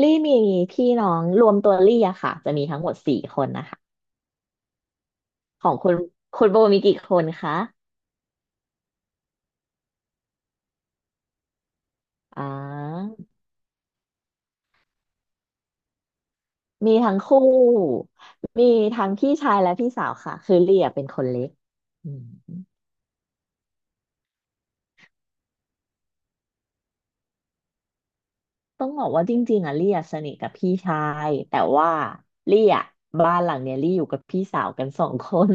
ลี่มีพี่น้องรวมตัวลี่อะค่ะจะมีทั้งหมดสี่คนนะคะของคุณโบมีกี่คนคะอ่ามีทั้งคู่มีทั้งพี่ชายและพี่สาวค่ะคือลี่อะเป็นคนเล็กอืมต้องบอกว่าจริงๆอะลี่อะสนิทกับพี่ชายแต่ว่าลี่อะบ้านหลังเนี้ยลี่อยู่กับพี่สาวกันสองคน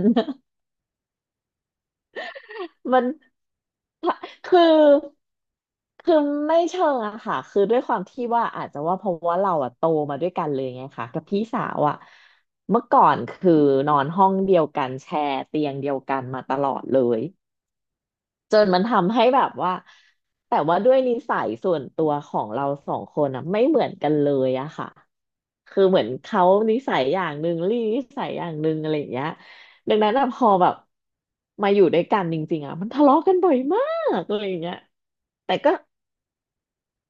มันคือคือไม่เชิงอะค่ะคือด้วยความที่ว่าอาจจะว่าเพราะว่าเราอะโตมาด้วยกันเลยไงค่ะกับพี่สาวอะเมื่อก่อนคือนอนห้องเดียวกันแชร์เตียงเดียวกันมาตลอดเลย จนมันทำให้แบบว่าแต่ว่าด้วยนิสัยส่วนตัวของเราสองคนอ่ะไม่เหมือนกันเลยอะค่ะคือเหมือนเขานิสัยอย่างหนึ่งลี่นิสัยอย่างหนึ่งอะไรอย่างเงี้ยดังนั้นอะพอแบบมาอยู่ด้วยกันจริงๆอะมันทะเลาะกันบ่อยมากอะไรอย่างเงี้ยแต่ก็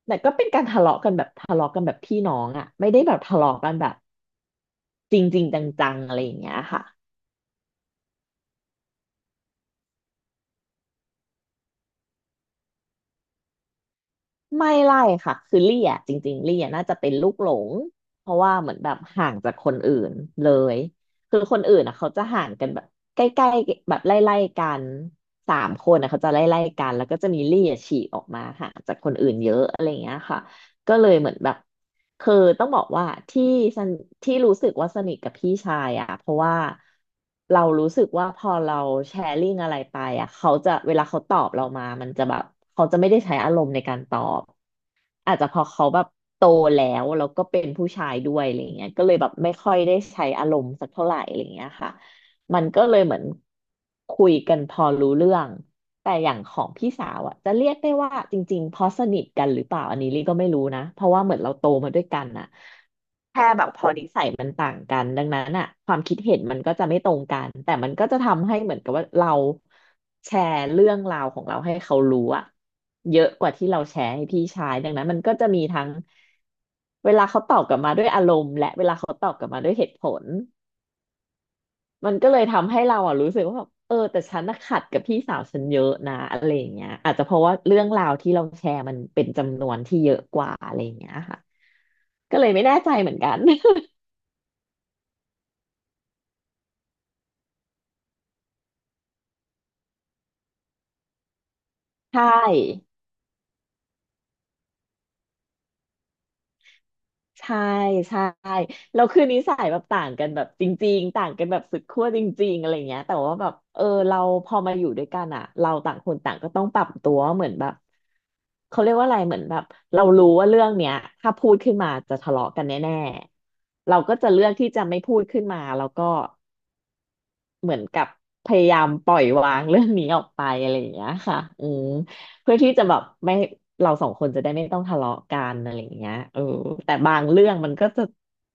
แต่ก็เป็นการทะเลาะกันแบบทะเลาะกันแบบพี่น้องอะไม่ได้แบบทะเลาะกันแบบจริงๆจังๆอะไรอย่างเงี้ยค่ะ ไม่ไล่ค่ะคือลี่อ่ะจริงๆลี่อ่ะน่าจะเป็นลูกหลงเพราะว่าเหมือนแบบห่างจากคนอื่นเลยคือคนอื่นอ่ะเขาจะห่างกันแบบใกล้ๆแบบไล่ๆกันสามคนอ่ะเขาจะไล่ๆกันแล้วก็จะมีลี่อ่ะฉีกออกมาห่างจากคนอื่นเยอะอะไรอย่างเงี้ยค่ะ ก็เลยเหมือนแบบคือต้องบอกว่าที่สนที่รู้สึกว่าสนิทกับพี่ชายอ่ะเพราะว่าเรารู้สึกว่าพอเราแชร์ลิงอะไรไปอ่ะเขาจะเวลาเขาตอบเรามามันจะแบบเขาจะไม่ได้ใช้อารมณ์ในการตอบอาจจะเพอเขาแบบโตแล้วก็เป็นผู้ชายด้วยอะไรเงี้ยก็เลยแบบไม่ค่อยได้ใช้อารมณ์สักเท่าไหร่อะไรเงี้ยค่ะมันก็เลยเหมือนคุยกันพอรู้เรื่อง แต่อย่างของพี่สาวอ่ะจะเรียกได้ว่าจริงๆเพราะสนิทกันหรือเปล่าอันนี้ลี่ก็ไม่รู้นะเพราะว่าเหมือนเราโตมาด้วยกันอ่ะแค่แบบพอนิสัยมันต่างกันดังนั้นอ่ะความคิดเห็นมันก็จะไม่ตรงกันแต่มันก็จะทำให้เหมือนกับว่าเราแชร์เรื่องราวของเราให้เขารู้อ่ะเยอะกว่าที่เราแชร์ให้พี่ชายดังนั้นมันก็จะมีทั้งเวลาเขาตอบกลับมาด้วยอารมณ์และเวลาเขาตอบกลับมาด้วยเหตุผล มันก็เลยทำให้เราอ่ะรู้สึกว่าแบบเออแต่ฉันน่ะขัดกับพี่สาวฉันเยอะนะอะไรอย่างเงี้ยอาจจะเพราะว่าเรื่องราวที่เราแชร์มันเป็นจำนวนที่เยอะกว่าอะไรอย่างเงี้ยค่ะก็เลยไม่แน่ใจเหมือนกัน ใช่ ใช่ใช่แล้วคือนิสัยแบบต่างกันแบบจริงๆต่างกันแบบสุดขั้วจริงๆอะไรเงี้ยแต่ว่าแบบเออเราพอมาอยู่ด้วยกันอ่ะเราต่างคนต่างก็ต้องปรับตัวเหมือนแบบเขาเรียกว่าอะไรเหมือนแบบเรารู้ว่าเรื่องเนี้ยถ้าพูดขึ้นมาจะทะเลาะกันแน่ๆเราก็จะเลือกที่จะไม่พูดขึ้นมาแล้วก็ เหมือนกับพยายามปล่อยวางเรื่องนี้ออกไปอะไรอย่างเงี้ยค่ะอืมเพื่อที่จะแบบไม่เราสองคนจะได้ไม่ต้องทะเลาะกันอะไรอย่างเงี้ยเออแต่บางเรื่องมันก็จะ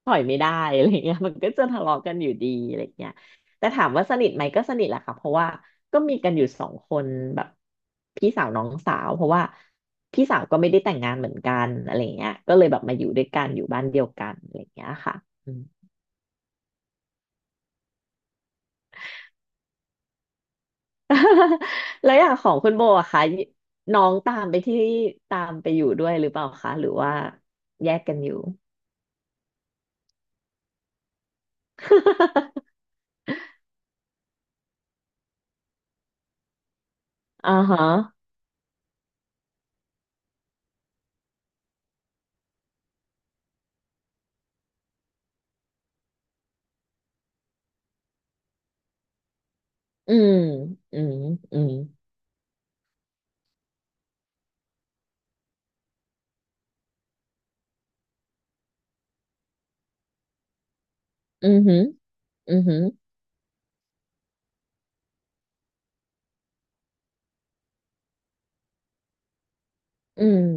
ปล่อยไม่ได้อะไรอย่างเงี้ย มันก็จะทะเลาะกันอยู่ดีอะไรอย่างเงี้ยแต่ถามว่าสนิทไหมก็สนิทแหละค่ะเพราะว่าก็มีกันอยู่สองคนแบบพี่สาวน้องสาวเพราะว่าพี่สาวก็ไม่ได้แต่งงานเหมือนกันอะไรอย่างเงี้ยก็เลยแบบมาอยู่ด้วยกันอยู่บ้านเดียวกันอะไรอย่างเงี้ยค่ะ แล้วอย่างของคุณโบอะคะน้องตามไปอยู่ด้วยหรือเปล่าคะหรือว่าแยกกันอยู่ อ่าฮะอืมอืมอืมอืมหืมอืมหืมอืม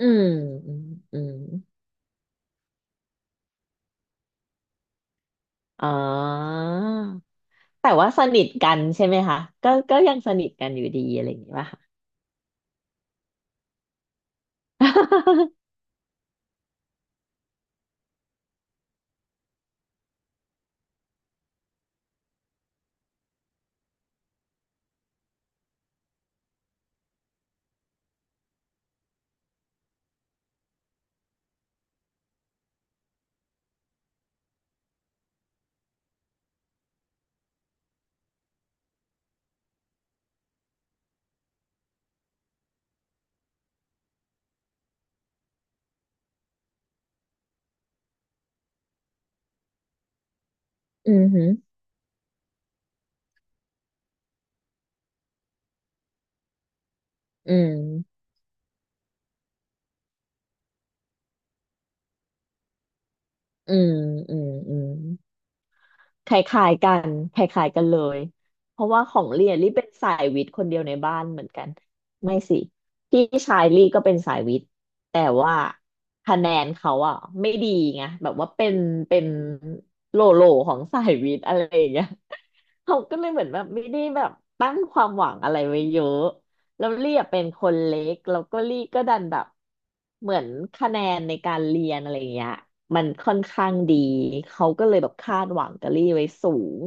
อืมอืมอืมอ๋อแต่ว่าสนิทกันใช่ไหมคะก็ก็ยังสนิทกันอยู่ดีอะไรอย่างงี้ป่ะคะ อืมหืมอืมอืมอืมอืม คล้ายๆกันคล้ายๆกันเลยเพราะว่าของลี่อะลี่เป็นสายวิทย์คนเดียวในบ้านเหมือนกันไม่สิพี่ชายลี่ก็เป็นสายวิทย์แต่ว่าคะแนนเขาอ่ะไม่ดีไงแบบว่าเป็นเป็นโลโลของสายวิทย์อะไรอย่างเงี้ยเขาก็เลยเหมือนแบบไม่ได้แบบตั้งความหวังอะไรไว้เยอะ แล้วลี่อะเป็นคนเล็กแล้วก็ลี่ก็ดันแบบเหมือนคะแนนในการเรียนอะไรเงี้ยมันค่อนข้างดีเขาก็เลยแบบคาดหวังกับลี่ไว้สูง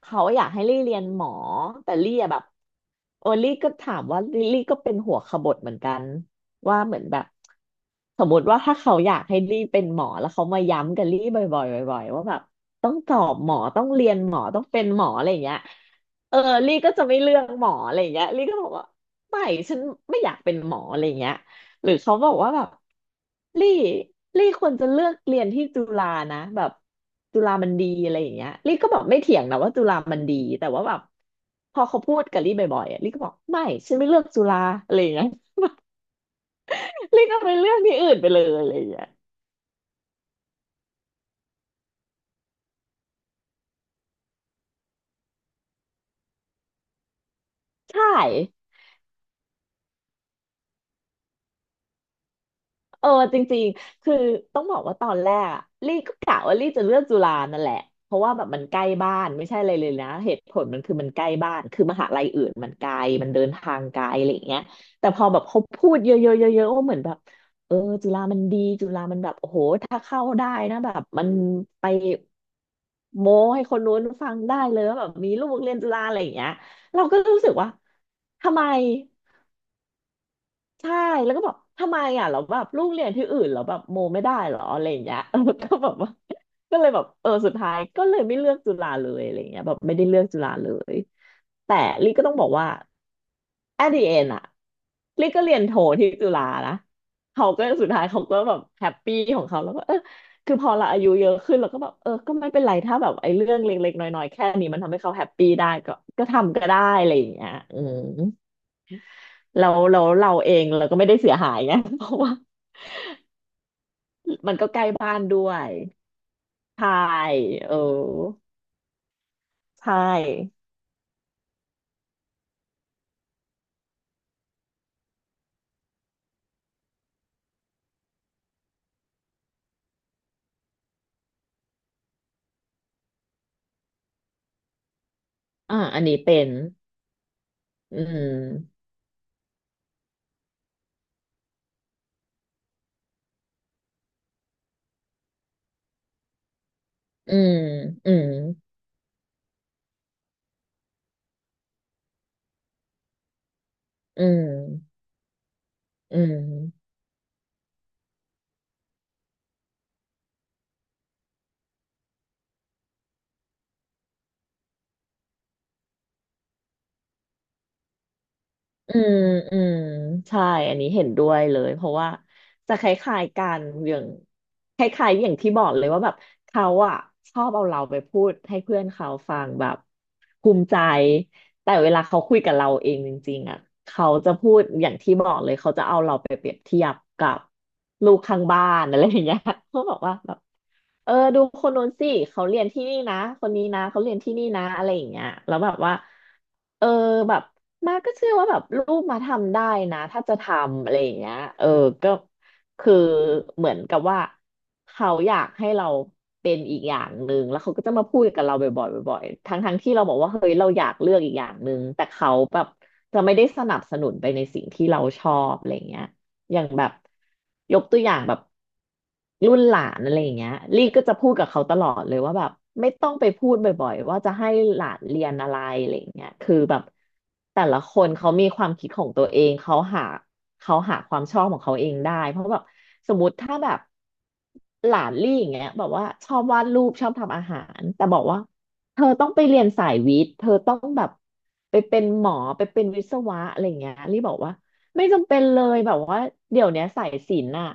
เขาอยากให้ลี่เรียนหมอแต่ลี่อะแบบโอลี่ก็ถามว่าลี่ก็เป็นหัวขบถเหมือนกันว่าเหมือนแบบสมมติว่าถ้าเขาอยากให้ลี่เป็นหมอแล้วเขามาย้ำกับลี่บ่อยๆบ่อยๆว่าแบบต้องสอบหมอต้องเรียนหมอต้องเป็นหมออะไรอย่างเงี้ย เออลี่ก็จะไม่เลือกหมออะไรอย่างเงี้ยลี่ก็บอกว่าไม่ฉันไม่อยากเป็นหมออะไรอย่างเงี้ยหรือเขาบอกว่าแบบลี่ลี่ควรจะเลือกเรียนที่จุฬานะแบบจุฬามันดีอะไรอย่างเงี้ยลี่ก็แบบไม่เถียงนะว่าจุฬามันดีแต่ว่าแบบพอเขาพูดกับลี่บ่อยๆอะลี่ก็บอกไม่ฉันไม่เลือกจุฬาอะไรอย่างเงี้ย ลี่ก็ไปเลือกที่อื่นไปเลยอะไรอย่างเงี้ยใช่ เออจริงๆคือต้องบอกว่าตอนแรกอะลี่ก็กะว่าลี่จะเลือกจุฬานั่นแหละเพราะว่าแบบมันใกล้บ้านไม่ใช่อะไรเลยนะเหตุผลมันคือมันใกล้บ้านคือมหาลัยอื่นมันไกลมันเดินทางไกลอะไรอย่างเงี้ยแต่พอแบบเขาพูดเยอะๆเยอะๆว่าเหมือนแบบเออจุฬามันดีจุฬามันแบบโอ้โหถ้าเข้าได้นะแบบมันไปโม้ให้คนนู้นฟังได้เลยว่าแบบมีลูกเรียนจุฬาอะไรอย่างเงี้ยเราก็รู้สึกว่าทำไม ใช่แล้วก็บอกทำไมอ่ะเราแล้วแบบลูกเรียนที่อื่นเราแล้วแบบโมไม่ได้เหรออะไรอย่างเงี้ย ก็แบบว่าก็เลยแบบเออสุดท้ายก็เลยไม่เลือกจุฬาเลยอะไรอย่างเงี้ยแบบไม่ได้เลือกจุฬาเลยแต่ลิก็ต้องบอกว่า at the end อ่ะลิก็เรียนโทที่จุฬานะเขาก็สุดท้ายเขาก็แบบแฮปปี้ของเขาแล้วก็เออคือพอเราอายุเยอะขึ้นเราก็แบบเออก็ไม่เป็นไรถ้าแบบไอ้เรื่องเล็กๆน้อยๆแค่นี้มันทำให้เขาแฮปปี้ได้ก็ก็ทำก็ได้อะไรอย่างเงี้ยอืม แล้วเราเองเราก็ไม่ได้เสียหายไง เพราะว่ามันก็ใกล้บ้านด้วยใช่เออใช่อ่าอันนี้เป็นอืมอืมอืมอืมอืม อืมอืมใช่อันนี้เห็นด้วยเลยเพราะว่าจะคล้ายๆกันอย่างคล้ายๆอย่างที่บอกเลยว่าแบบเขาอะชอบเอาเราไปพูดให้เพื่อนเขาฟังแบบภูมิใจแต่เวลาเขาคุยกับเราเองจริงๆอะเขาจะพูดอย่างที่บอกเลยเขาจะเอาเราไปเปรียบเทียบกับลูกข้างบ้านอะไรอย่างเงี้ย เขาบอกว่าแบบเออดูคนโน้นสิเขาเรียนที่นี่นะคนนี้นะเขาเรียนที่นี่นะอะไรอย่างเงี้ยแล้วแบบว่าเออแบบ มาก็เชื่อว่าแบบลูกมาทำได้นะถ้าจะทำอะไรอย่างเงี้ยเออก็คือเหมือนกับว่าเขาอยากให้เราเป็นอีกอย่างหนึ่งแล้วเขาก็จะมาพูดกับเราบ่อยๆบ่อยๆทั้งที่เราบอกว่าเฮ้ยเราอยากเลือกอีกอย่างหนึ่งแต่เขาแบบจะไม่ได้สนับสนุนไปในสิ่งที่เราชอบอะไรอย่างเงี้ย อย่างแบบยกตัวอย่างแบบรุ่นหลานอะไรอย่างเงี้ยลี่ก็จะพูดกับเขาตลอดเลยว่าแบบไม่ต้องไปพูดบ่อยๆว่าจะให้หลานเรียนอะไรอะไรอย่างเงี้ยคือแบบแต่ละคนเขามีความคิดของตัวเองเขาหาเขาหาความชอบของเขาเองได้เพราะแบบสมมติถ้าแบบหลานลี่อย่างเงี้ยแบบว่าชอบวาดรูปชอบทำอาหารแต่บอกว่าเธอต้องไปเรียนสายวิทย์เธอต้องแบบไปเป็นหมอไปเป็นวิศวะอะไรอย่างเงี้ยลี่บอกว่า ไม่จำเป็นเลยแบบว่าเดี๋ยวเนี้ยสายศิลป์น่ะ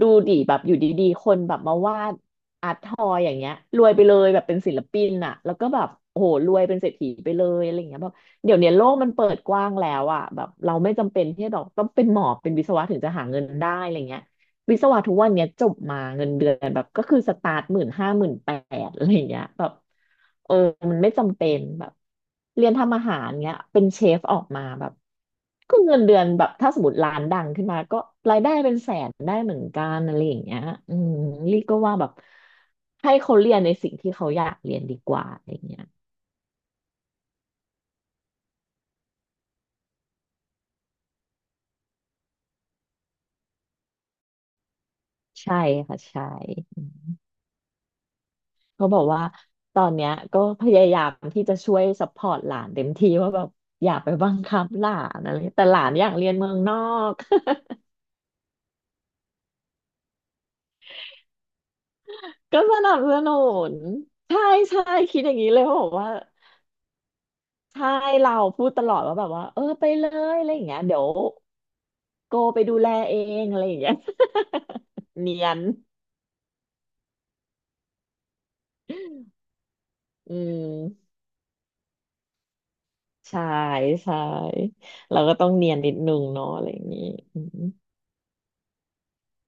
ดูดิแบบอยู่ดีๆคนแบบมาวาดอาร์ตทอยอย่างเงี้ยรวยไปเลยแบบเป็นศิลปินน่ะแล้วก็แบบโอ้โหรวยเป็นเศรษฐีไปเลยอะไรอย่างเงี้ยแบบเดี๋ยวเนี้ยโลกมันเปิดกว้างแล้วอ่ะแบบเราไม่จำเป็นที่จะแบบต้องเป็นหมอเป็นวิศวะถึงจะหาเงินได้อะไรเงี้ย วิศวะทุกวันเนี้ยจบมาเงินเดือนแบบก็คือสตาร์ทหมื่นห้าหมื่นแปดอะไรอย่างเงี้ยแบบเออมันไม่จำเป็นแบบเรียนทำอาหารเงี้ยเป็นเชฟออกมาแบบก็เงินเดือนแบบถ้าสมมติร้านดังขึ้นมาก็รายได้เป็นแสนได้เหมือนกันอะไรอย่างเงี้ยอืมลี่ก็ว่าแบบให้เขาเรียนในสิ่งที่เขาอยากเรียนดีกว่าอะไรอย่างเงี้ยใช่ค่ะใช่ เขาบอกว่าตอนเนี้ยก็พยายามที่จะช่วยซัพพอร์ตหลานเต็มที่ว่าแบบอย่าไปบังคับหลานอะไรแต่หลานอยากเรียนเมืองนอก ก็สนับสนุนใช่ใช่คิดอย่างนี้เลยว่าบอกว่าใช่เราพูดตลอดว่าแบบว่าเออไปเลยอะไรอย่างเงี้ยเดี๋ยวโกไปดูแลเองอะไรอย่างเงี้ย เนียนอืมใช่ใช่เราก็ต้องเนียนนิดนึงเนาะอะไรอย่างงี้อืม